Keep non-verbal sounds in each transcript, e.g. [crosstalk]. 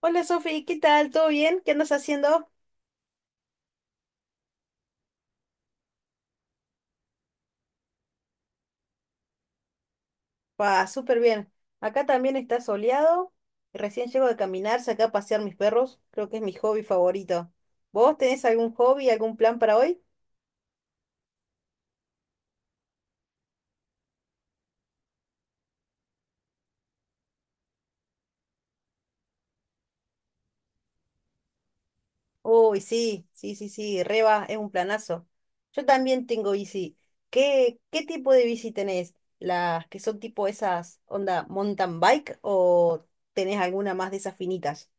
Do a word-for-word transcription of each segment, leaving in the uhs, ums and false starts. Hola Sofi, ¿qué tal? ¿Todo bien? ¿Qué andas haciendo? Pa, súper bien. Acá también está soleado. Recién llego de caminar, saqué a pasear mis perros. Creo que es mi hobby favorito. ¿Vos tenés algún hobby, algún plan para hoy? Uy, sí, sí, sí, sí, Reba, es un planazo. Yo también tengo bici. ¿Qué, qué tipo de bici tenés? ¿Las que son tipo esas, onda, mountain bike o tenés alguna más de esas finitas?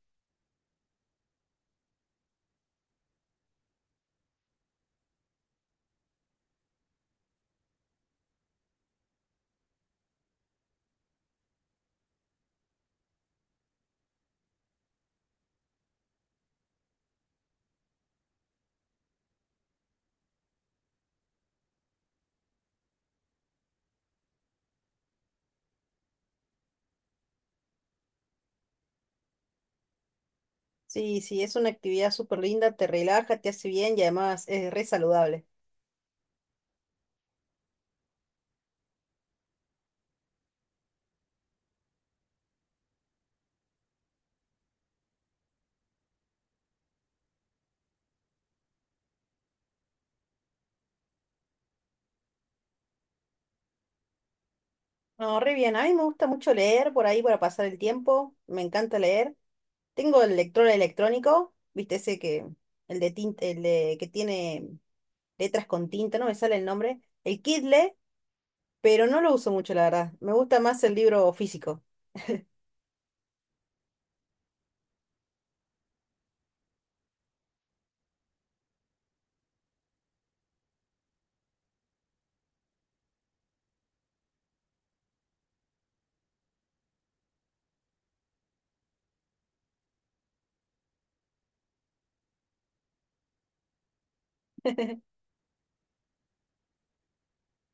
Sí, sí, es una actividad súper linda, te relaja, te hace bien y además es re saludable. No, re bien. A mí me gusta mucho leer por ahí para pasar el tiempo. Me encanta leer. Tengo el lector electrónico, viste ese que, el de tinta, el de, que tiene letras con tinta, no me sale el nombre. El Kindle, pero no lo uso mucho, la verdad. Me gusta más el libro físico.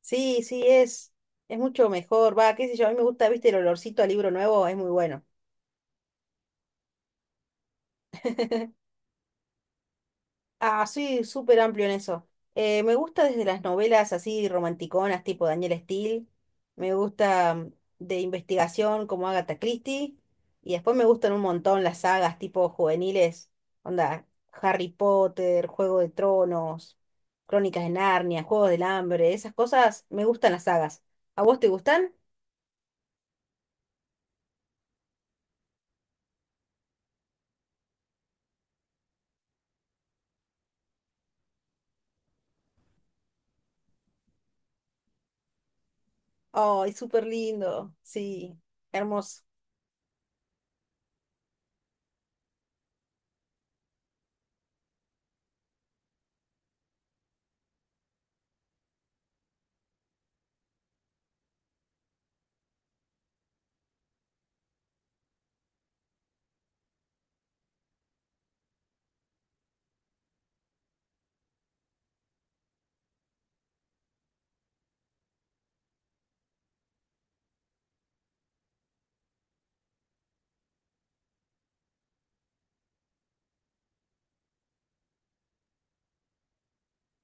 Sí, sí, es, es mucho mejor. Va, qué sé yo, a mí me gusta, viste, el olorcito al libro nuevo, es muy bueno. Ah, soy súper amplio en eso. Eh, me gusta desde las novelas así romanticonas, tipo Daniel Steele. Me gusta mm, de investigación como Agatha Christie. Y después me gustan un montón las sagas tipo juveniles. Onda, Harry Potter, Juego de Tronos, Crónicas de Narnia, Juegos del Hambre. Esas cosas me gustan las sagas. ¿A vos te gustan? ¡Ay, súper lindo! Sí, hermoso.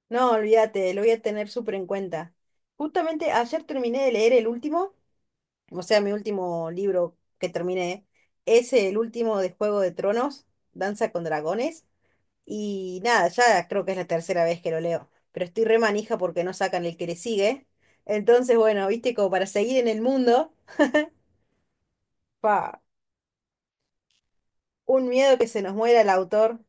No, olvídate, lo voy a tener súper en cuenta. Justamente ayer terminé de leer el último. O sea, mi último libro que terminé es el último de Juego de Tronos, Danza con Dragones. Y nada, ya creo que es la tercera vez que lo leo. Pero estoy re manija porque no sacan el que le sigue. Entonces, bueno, viste, como para seguir en el mundo, pa, un miedo que se nos muera el autor.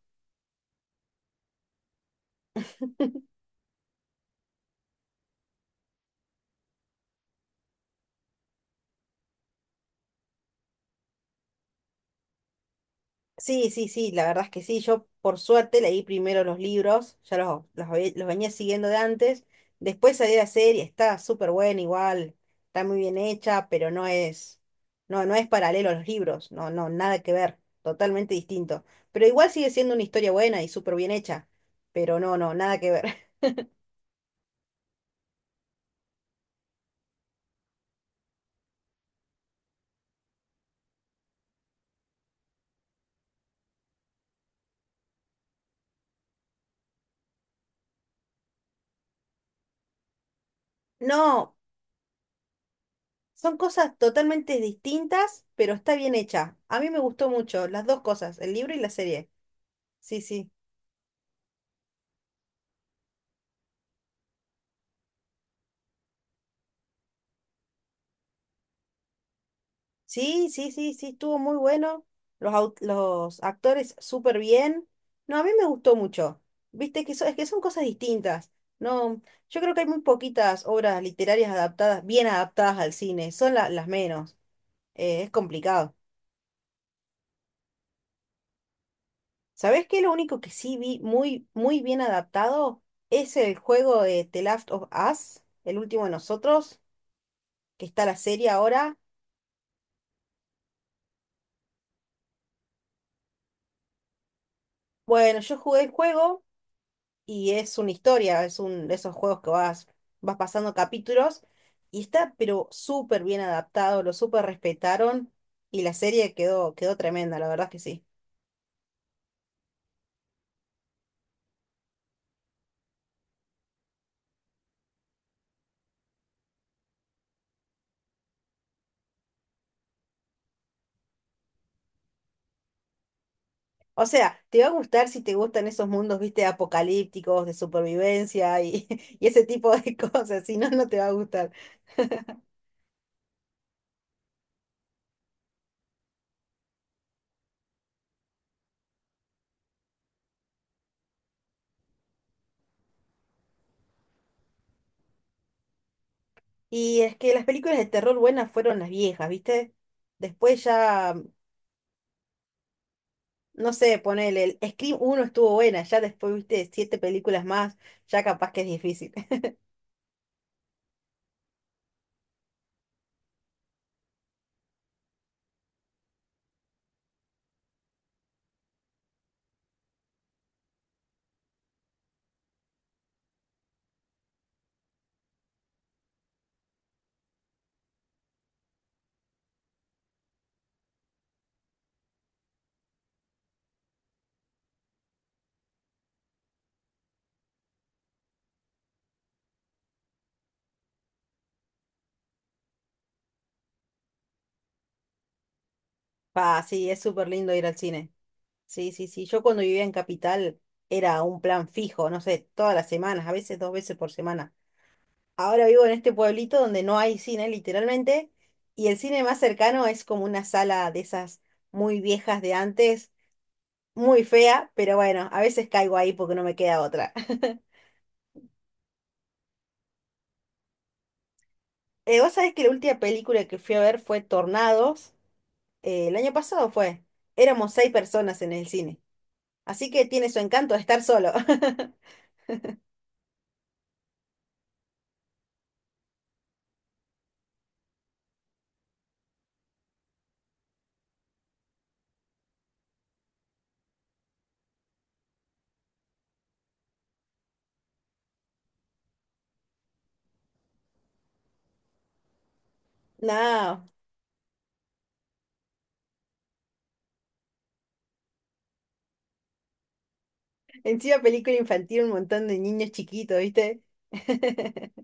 Sí, sí, sí, la verdad es que sí. Yo, por suerte, leí primero los libros, ya los, los, ve- los venía siguiendo de antes. Después salió la serie, está súper buena igual, está muy bien hecha, pero no es, no, no es paralelo a los libros, no, no, nada que ver, totalmente distinto. Pero igual sigue siendo una historia buena y súper bien hecha, pero no, no, nada que ver. [laughs] No, son cosas totalmente distintas, pero está bien hecha. A mí me gustó mucho las dos cosas, el libro y la serie. Sí, sí. Sí, sí, sí, sí, estuvo muy bueno. Los, au- los actores súper bien. No, a mí me gustó mucho. Viste que, so- es que son cosas distintas. No, yo creo que hay muy poquitas obras literarias adaptadas, bien adaptadas al cine. Son la- las menos. Eh, es complicado. ¿Sabés qué? Lo único que sí vi muy, muy bien adaptado es el juego de The Last of Us, el último de nosotros, que está la serie ahora. Bueno, yo jugué el juego. Y es una historia, es un de esos juegos que vas, vas pasando capítulos y está pero súper bien adaptado, lo súper respetaron y la serie quedó, quedó tremenda, la verdad que sí. O sea, te va a gustar si te gustan esos mundos, viste, apocalípticos, de supervivencia y, [laughs] y ese tipo de [laughs] cosas, si no, no te va a gustar. Y es que las películas de terror buenas fueron las viejas, viste. Después ya, no sé, ponele, el Scream uno estuvo buena, ya después viste siete películas más, ya capaz que es difícil. Ah, sí, es súper lindo ir al cine. Sí, sí, sí. Yo cuando vivía en Capital era un plan fijo, no sé, todas las semanas, a veces dos veces por semana. Ahora vivo en este pueblito donde no hay cine, literalmente, y el cine más cercano es como una sala de esas muy viejas de antes, muy fea, pero bueno, a veces caigo ahí porque no me queda otra. [laughs] Eh, vos sabés que la última película que fui a ver fue Tornados, eh, el año pasado fue. Éramos seis personas en el cine, así que tiene su encanto estar solo. [laughs] No, encima película infantil, un montón de niños chiquitos, ¿viste? [laughs]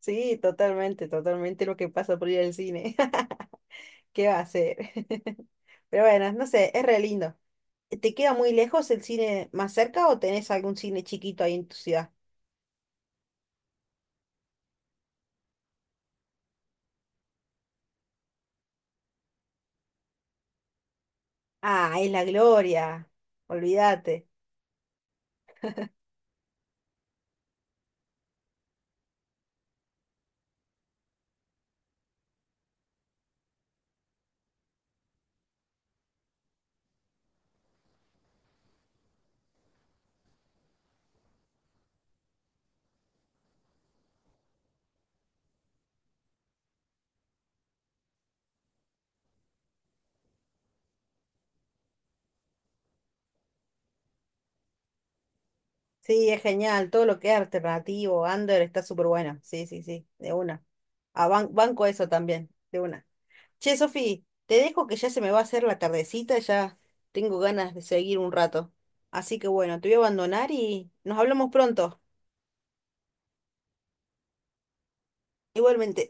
Sí, totalmente, totalmente lo que pasa por ir al cine. [laughs] ¿Qué va a hacer? [laughs] Pero bueno, no sé, es re lindo. ¿Te queda muy lejos el cine más cerca o tenés algún cine chiquito ahí en tu ciudad? Ah, es la gloria. Olvídate. Sí, es genial. Todo lo que es alternativo, under, está súper bueno. Sí, sí, sí, de una. Ah, ban- banco eso también, de una. Che, Sofi, te dejo que ya se me va a hacer la tardecita, ya tengo ganas de seguir un rato. Así que bueno, te voy a abandonar y nos hablamos pronto. Igualmente.